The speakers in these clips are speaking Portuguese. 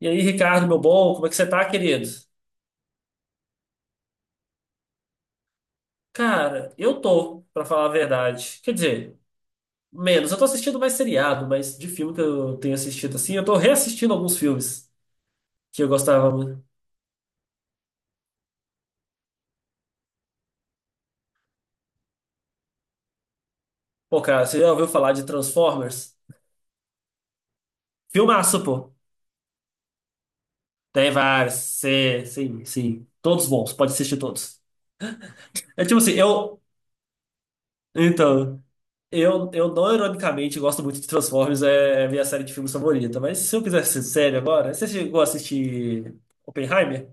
E aí, Ricardo, meu bom, como é que você tá, querido? Cara, eu tô, pra falar a verdade. Quer dizer, menos. Eu tô assistindo mais seriado, mas de filme que eu tenho assistido assim, eu tô reassistindo alguns filmes que eu gostava muito. Pô, cara, você já ouviu falar de Transformers? Filmaço, pô. Tem vários. Sim, sim. Todos bons, pode assistir todos. É tipo assim, eu. Então, eu não ironicamente gosto muito de Transformers, é a minha série de filmes favorita, mas se eu quiser ser sério agora, você chegou a assistir. Oppenheimer?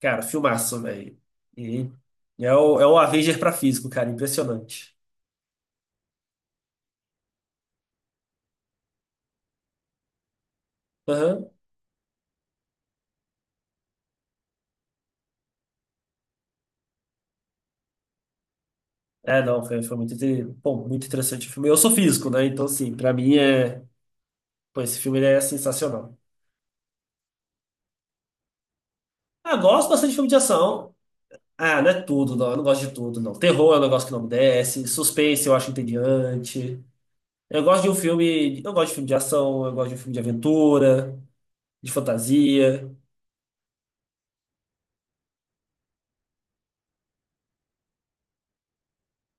Cara, filmaço, velho. E é o Avenger pra físico, cara. Impressionante. Aham. É, não, foi muito, bom, muito interessante o filme. Eu sou físico, né? Então, assim, pra mim é. Pô, esse filme ele é sensacional. Ah, gosto bastante de filme de ação. Ah, não é tudo, não. Eu não gosto de tudo, não. Terror é um negócio que não me desce. Suspense eu acho entediante. Eu gosto de um filme. Eu gosto de filme de ação, eu gosto de um filme de aventura, de fantasia.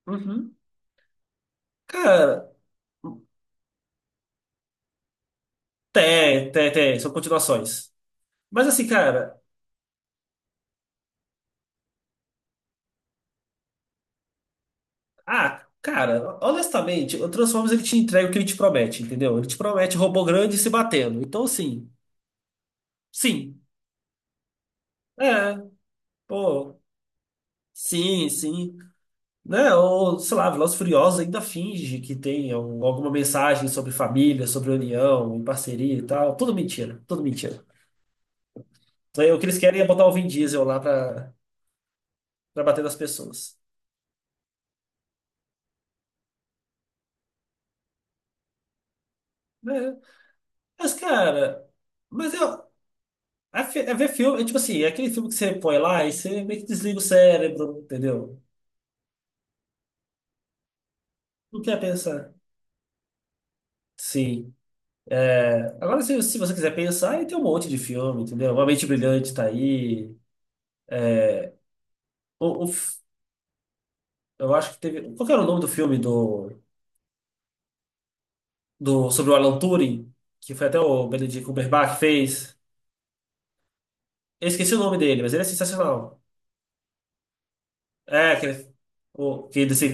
Uhum. Cara, tem, tem, tem. São continuações. Mas assim, cara. Ah, cara, honestamente, o Transformers ele te entrega o que ele te promete, entendeu? Ele te promete robô grande se batendo. Então, assim, sim, é, pô, sim, sim. Né? Ou, sei lá, Velozes e Furiosos ainda finge que tem alguma mensagem sobre família, sobre união, e parceria e tal. Tudo mentira, tudo mentira. Então, o que eles querem é botar o Vin Diesel lá pra, pra bater nas pessoas. Né? Mas, cara, mas eu. É, é ver filme, é tipo assim, é aquele filme que você põe lá e você meio que desliga o cérebro, entendeu? Não quer pensar. Sim. Agora, se você quiser pensar, aí tem um monte de filme, entendeu? Uma Mente Brilhante tá aí. O, o f- eu acho que teve. Qual que era o nome do filme sobre o Alan Turing? Que foi até o Benedict Cumberbatch que fez. Eu esqueci o nome dele, mas ele é sensacional. É, aquele. O, que ele, se-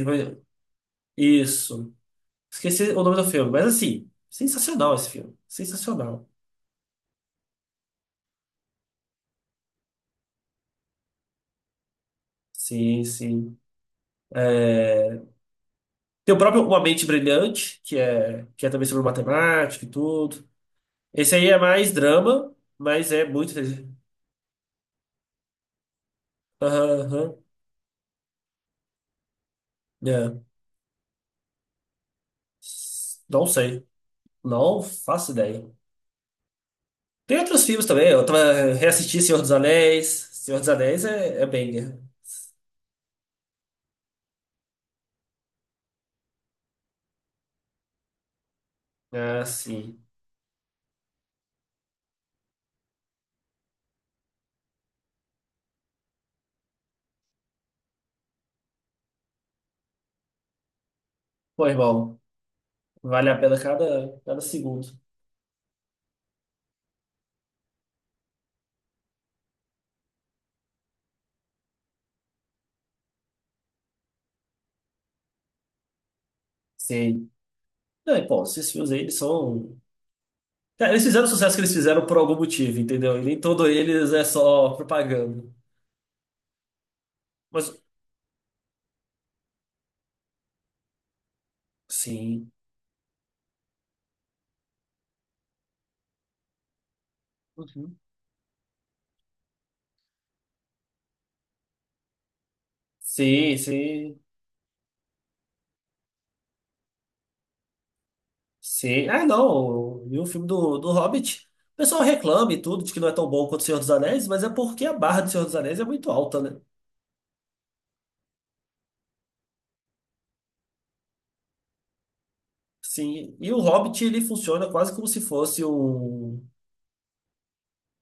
isso. Esqueci o nome do filme, mas assim, sensacional esse filme. Sensacional. Sim, sim. É, tem o próprio Uma Mente Brilhante, que é também sobre matemática e tudo. Esse aí é mais drama, mas é muito. Aham, aham. É. Não sei. Não faço ideia. Tem outros filmes também. Eu tava reassisti Senhor dos Anéis. Senhor dos Anéis é, é banger. Ah, sim. Pô, irmão, vale a pena cada segundo. Sim. Não, e, pô, esses filmes aí, eles são. Cara, eles fizeram o sucesso que eles fizeram por algum motivo, entendeu? E nem todo eles é só propaganda. Mas, sim. Uhum. Sim, sim. Sim. Ah, não. E o filme do, do Hobbit. O pessoal reclama e tudo, de que não é tão bom quanto o Senhor dos Anéis, mas é porque a barra do Senhor dos Anéis é muito alta, né? Sim. E o Hobbit, ele funciona quase como se fosse um.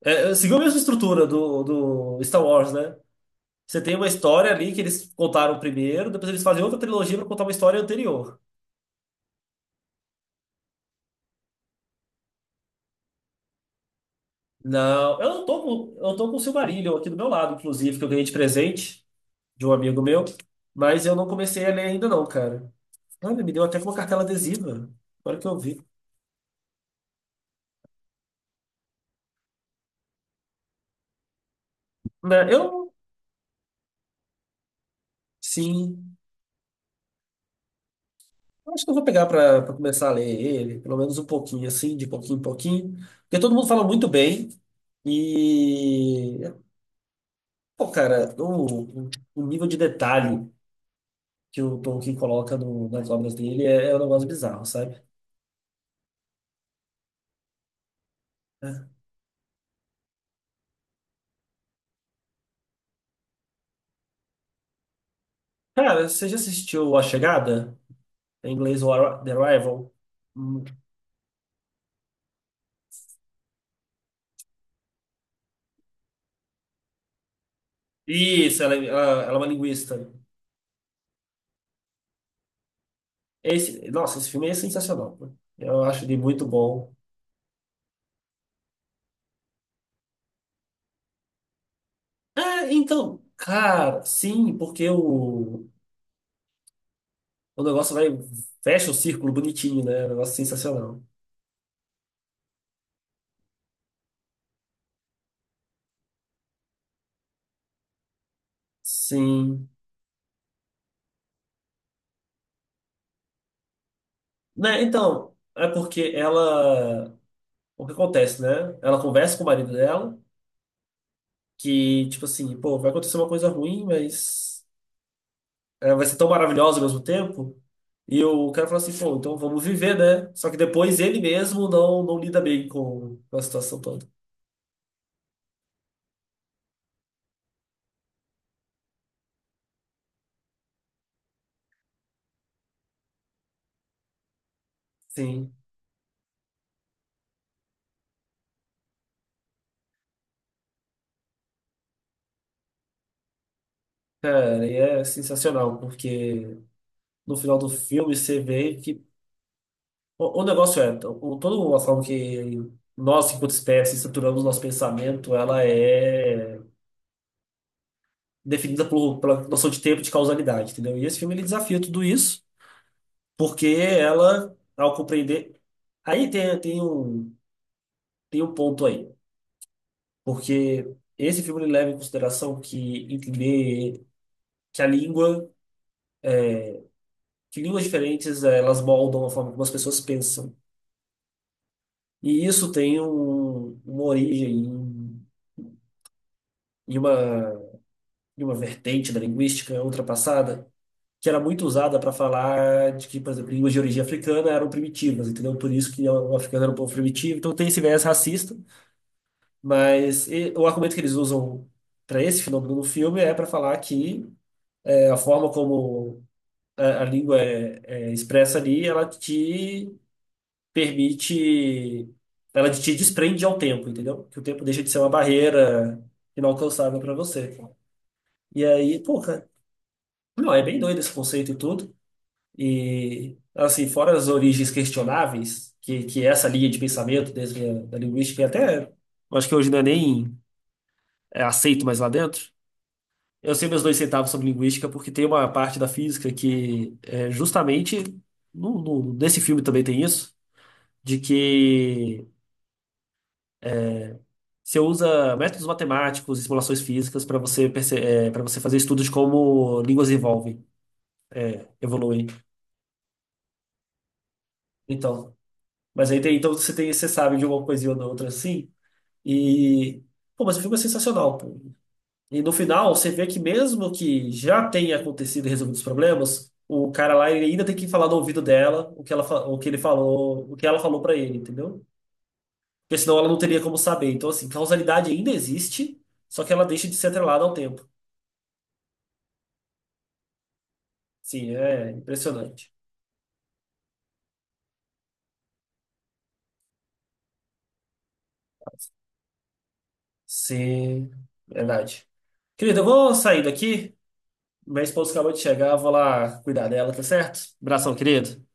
É, é, seguiu a mesma estrutura do, do Star Wars, né? Você tem uma história ali que eles contaram primeiro, depois eles fazem outra trilogia pra contar uma história anterior. Não, eu não tô com, eu tô com o Silmarillion aqui do meu lado, inclusive, que eu ganhei de presente de um amigo meu, mas eu não comecei a ler ainda não, cara. Olha, me deu até com uma cartela adesiva. Agora que eu vi. Né, eu, sim. Eu acho que eu vou pegar para começar a ler ele, pelo menos um pouquinho, assim, de pouquinho em pouquinho. Porque todo mundo fala muito bem. E, pô, cara, o nível de detalhe que o Tolkien coloca nas obras dele é, é um negócio bizarro, sabe? É. Cara, você já assistiu A Chegada? Em inglês, o The Arrival? Hum. Isso, ela é uma linguista. Esse, nossa, esse filme é sensacional, pô. Eu acho ele muito bom. Ah, então, cara, sim, porque o negócio vai, fecha o círculo bonitinho, né? É um negócio sensacional. Sim. Né, então, é porque ela. O que acontece, né? Ela conversa com o marido dela, que, tipo assim, pô, vai acontecer uma coisa ruim, mas é, vai ser tão maravilhosa ao mesmo tempo. E o cara fala assim, pô, então vamos viver, né? Só que depois ele mesmo não lida bem com a situação toda. Sim. Cara, e é sensacional, porque no final do filme você vê que. O negócio é, então, o, toda a forma que nós, enquanto espécie, estruturamos nosso pensamento, ela é definida por, pela noção de tempo e de causalidade, entendeu? E esse filme ele desafia tudo isso, porque ela, ao compreender. Aí tem, tem um ponto aí, porque esse filme ele leva em consideração que entender que a língua, que línguas diferentes, elas moldam a forma como as pessoas pensam. E isso tem uma origem em, em uma, em uma vertente da linguística ultrapassada, que era muito usada para falar de que, por exemplo, línguas de origem africana eram primitivas, entendeu? Por isso que o africano era um povo primitivo. Então tem esse viés racista, mas o argumento que eles usam para esse fenômeno no filme é para falar que é, a forma como a língua é, é expressa ali, ela te permite, ela te desprende ao tempo, entendeu? Que o tempo deixa de ser uma barreira inalcançável para você. E aí, pô, cara, não, é bem doido esse conceito e tudo. E, assim, fora as origens questionáveis, que é essa linha de pensamento desde a, da linguística, e até, eu acho que hoje não é nem é aceito mais lá dentro. Eu sei meus dois centavos sobre linguística porque tem uma parte da física que é justamente, nesse filme também tem isso, de que você usa métodos matemáticos e simulações físicas para você fazer estudos de como línguas evolvem, evoluem. Então, mas aí tem, então você tem, você sabe de uma coisinha ou da outra assim, e pô, mas o filme é sensacional, pô. E no final você vê que mesmo que já tenha acontecido e resolvido os problemas, o cara lá ele ainda tem que falar no ouvido dela o que ela, o que ele falou, o que ela falou para ele, entendeu? Porque senão ela não teria como saber. Então, assim, causalidade ainda existe, só que ela deixa de ser atrelada ao tempo. Sim, é impressionante. Sim, verdade. Querido, eu vou sair daqui. Minha esposa acabou de chegar, eu vou lá cuidar dela, tá certo? Abração, querido.